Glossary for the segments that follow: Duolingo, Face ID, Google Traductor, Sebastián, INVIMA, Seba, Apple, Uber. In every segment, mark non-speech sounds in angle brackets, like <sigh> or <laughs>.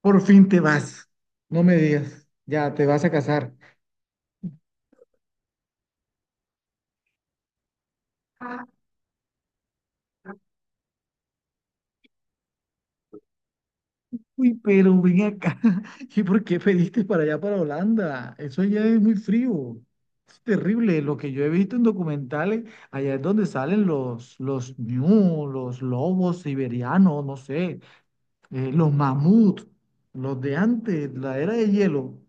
Por fin te vas. No me digas. Ya, te vas a casar. Ah. Uy, pero ven acá. <laughs> ¿Y por qué pediste para allá, para Holanda? Eso allá es muy frío. Es terrible. Lo que yo he visto en documentales, allá es donde salen los ñu, los lobos siberianos, no sé, los mamuts, los de antes, la era de hielo.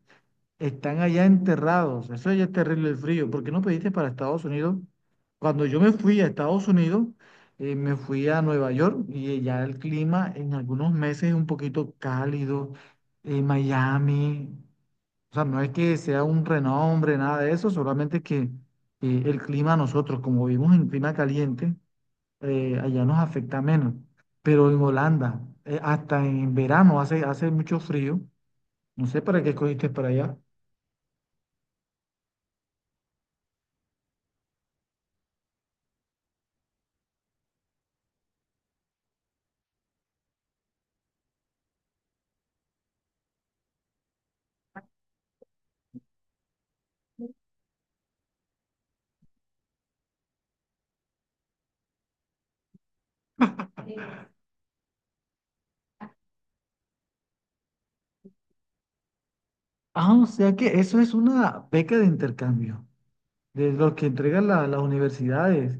Están allá enterrados. Eso ya es terrible el frío. ¿Por qué no pediste para Estados Unidos? Cuando yo me fui a Estados Unidos, me fui a Nueva York y ya el clima en algunos meses es un poquito cálido. Miami, o sea, no es que sea un renombre, nada de eso, solamente que el clima a nosotros, como vivimos en clima caliente, allá nos afecta menos. Pero en Holanda, hasta en verano hace mucho frío. No sé para qué escogiste para allá. Ah, o sea que eso es una beca de intercambio, de los que entregan las universidades.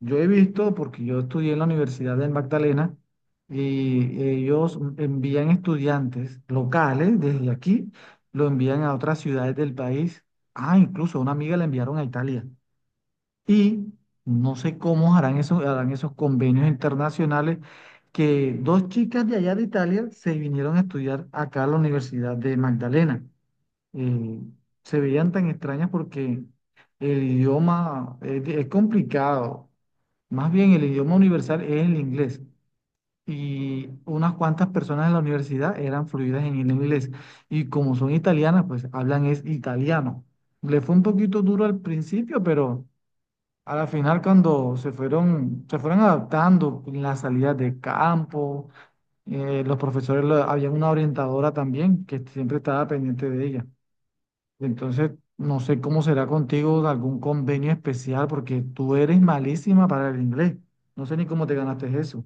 Yo he visto, porque yo estudié en la Universidad del Magdalena, y ellos envían estudiantes locales desde aquí, lo envían a otras ciudades del país. Ah, incluso a una amiga la enviaron a Italia. Y no sé cómo harán esos convenios internacionales, que dos chicas de allá de Italia se vinieron a estudiar acá a la Universidad de Magdalena. eh, Se veían tan extrañas porque el idioma es complicado. Más bien el idioma universal es el inglés. Y unas cuantas personas en la universidad eran fluidas en el inglés. Y como son italianas, pues hablan es italiano. Le fue un poquito duro al principio, pero a la final cuando se fueron adaptando en las salidas de campo. Los profesores, había una orientadora también que siempre estaba pendiente de ella. Entonces, no sé cómo será contigo de algún convenio especial, porque tú eres malísima para el inglés. No sé ni cómo te ganaste eso.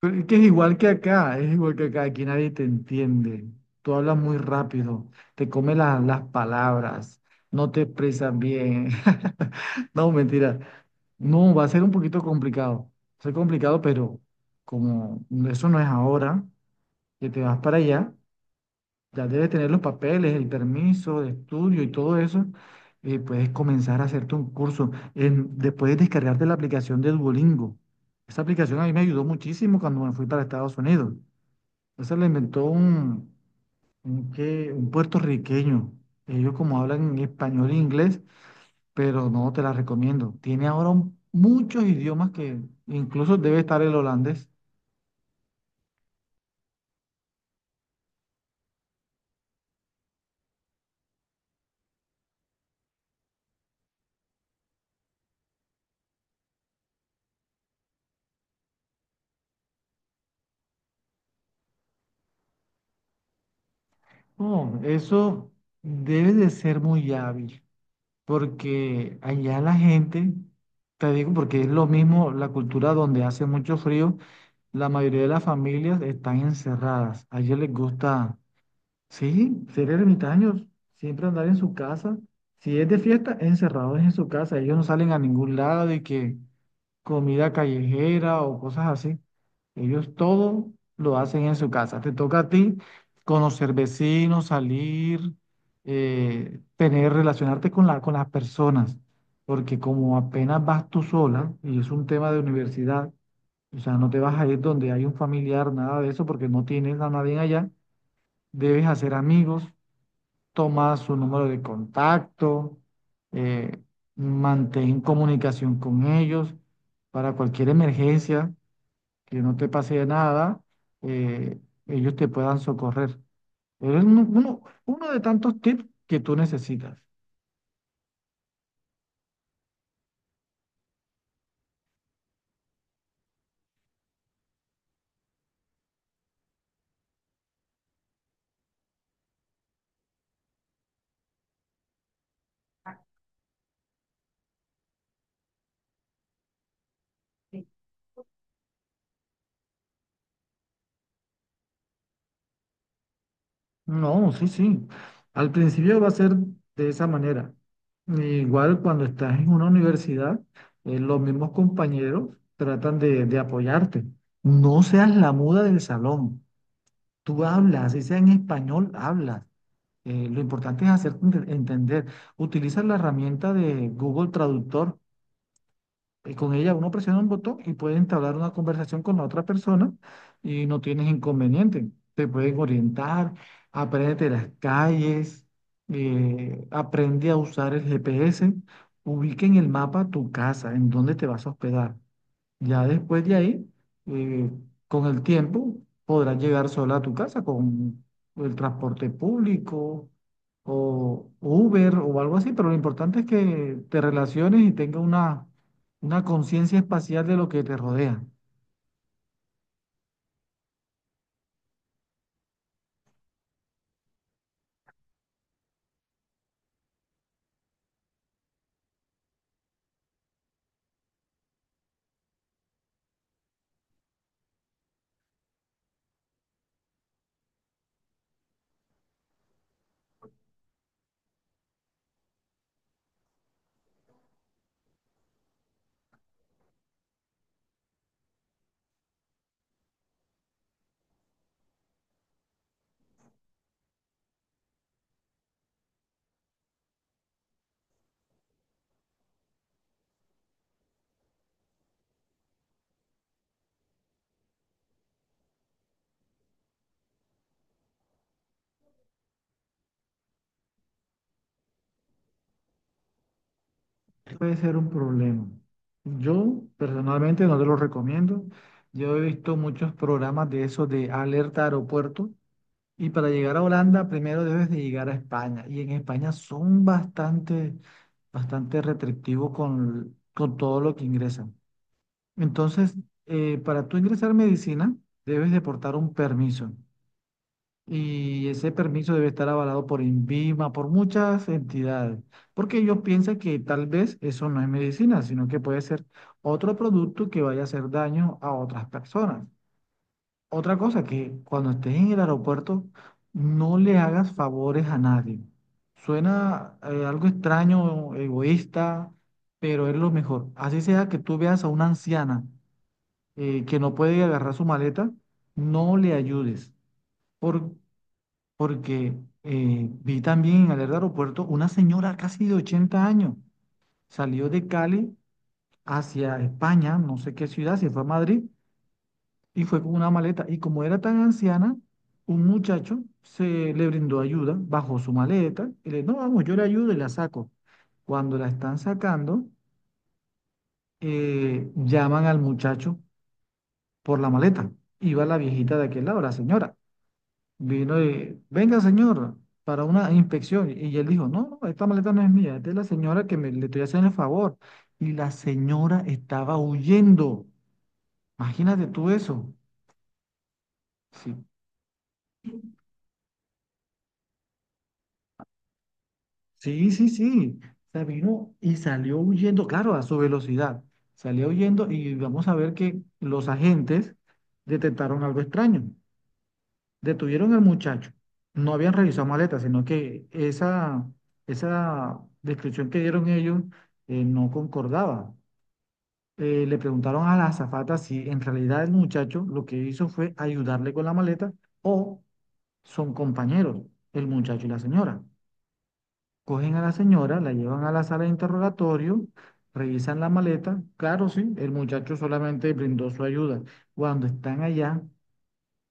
Pero es que es igual que acá, es igual que acá, aquí nadie te entiende. Tú hablas muy rápido, te comes las palabras, no te expresas bien. <laughs> No, mentira. No, va a ser un poquito complicado. Va a ser complicado, pero como eso no es ahora, que te vas para allá, ya debes tener los papeles, el permiso de estudio y todo eso. Puedes comenzar a hacerte un curso después de descargarte la aplicación de Duolingo. Esa aplicación a mí me ayudó muchísimo cuando me fui para Estados Unidos. Esa la inventó un puertorriqueño. Ellos como hablan en español e inglés, pero no te la recomiendo. Tiene ahora muchos idiomas que incluso debe estar el holandés. No, eso debe de ser muy hábil, porque allá la gente, te digo, porque es lo mismo la cultura donde hace mucho frío, la mayoría de las familias están encerradas. A ellos les gusta, sí, ser ermitaños, siempre andar en su casa. Si es de fiesta, encerrados en su casa. Ellos no salen a ningún lado, y que comida callejera o cosas así. Ellos todo lo hacen en su casa. Te toca a ti conocer vecinos, salir, relacionarte con con las personas, porque como apenas vas tú sola, y es un tema de universidad, o sea, no te vas a ir donde hay un familiar, nada de eso, porque no tienes a nadie allá, debes hacer amigos, toma su número de contacto, eh, mantén comunicación con ellos para cualquier emergencia, que no te pase nada, eh, ellos te puedan socorrer. Pero es uno de tantos tips que tú necesitas. No, sí, sí. Al principio va a ser de esa manera. Igual cuando estás en una universidad, los mismos compañeros tratan de apoyarte. No seas la muda del salón. Tú hablas, ese en español hablas. Lo importante es hacerte entender. Utiliza la herramienta de Google Traductor. Con ella uno presiona un botón y puede entablar una conversación con la otra persona y no tienes inconveniente. Te pueden orientar, aprende las calles, aprende a usar el GPS, ubica en el mapa tu casa, en dónde te vas a hospedar. Ya después de ahí, eh, con el tiempo, podrás llegar sola a tu casa con el transporte público o Uber o algo así, pero lo importante es que te relaciones y tengas una conciencia espacial de lo que te rodea. Puede ser un problema. Yo personalmente no te lo recomiendo. Yo he visto muchos programas de esos de alerta aeropuerto. Y para llegar a Holanda, primero debes de llegar a España. Y en España son bastante, bastante restrictivos con todo lo que ingresan. Entonces, para tú ingresar medicina, debes de portar un permiso. Y ese permiso debe estar avalado por INVIMA, por muchas entidades. Porque ellos piensan que tal vez eso no es medicina, sino que puede ser otro producto que vaya a hacer daño a otras personas. Otra cosa, que cuando estés en el aeropuerto no le hagas favores a nadie. Suena algo extraño, egoísta, pero es lo mejor. Así sea que tú veas a una anciana que no puede agarrar su maleta, no le ayudes. Por- Porque vi también en el aeropuerto una señora casi de 80 años. Salió de Cali hacia España, no sé qué ciudad, si fue a Madrid, y fue con una maleta. Y como era tan anciana, un muchacho se le brindó ayuda, bajó su maleta y le dijo: "No, vamos, yo le ayudo y la saco". Cuando la están sacando, llaman al muchacho por la maleta. Iba la viejita de aquel lado, la señora. Vino y, venga, señor, para una inspección. Y él dijo: "No, no, esta maleta no es mía, esta es de la señora que me, le estoy haciendo el favor". Y la señora estaba huyendo. Imagínate tú eso. Sí. Sí, sí, sí. Se vino y salió huyendo, claro, a su velocidad. Salió huyendo, y vamos a ver que los agentes detectaron algo extraño. Detuvieron al muchacho. No habían revisado maletas, sino que esa descripción que dieron ellos no concordaba. Le preguntaron a la azafata si en realidad el muchacho lo que hizo fue ayudarle con la maleta o son compañeros, el muchacho y la señora. Cogen a la señora, la llevan a la sala de interrogatorio, revisan la maleta. Claro, sí, el muchacho solamente brindó su ayuda. Cuando están allá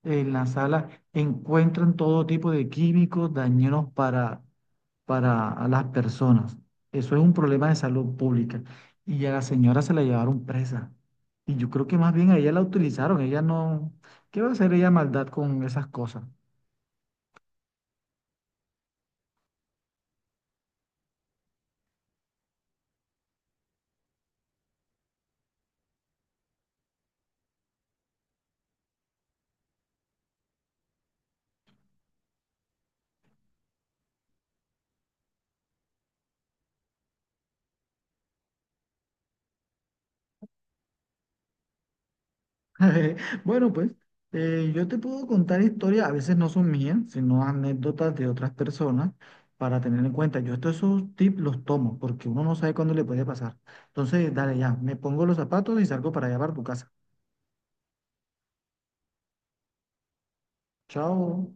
en la sala, encuentran todo tipo de químicos dañinos para a las personas. Eso es un problema de salud pública. Y a la señora se la llevaron presa. Y yo creo que más bien a ella la utilizaron. Ella no... ¿Qué va a hacer ella maldad con esas cosas? <laughs> Bueno, pues yo te puedo contar historias, a veces no son mías, sino anécdotas de otras personas para tener en cuenta. Yo estos esos tips los tomo porque uno no sabe cuándo le puede pasar. Entonces, dale ya, me pongo los zapatos y salgo para allá para tu casa. Chao.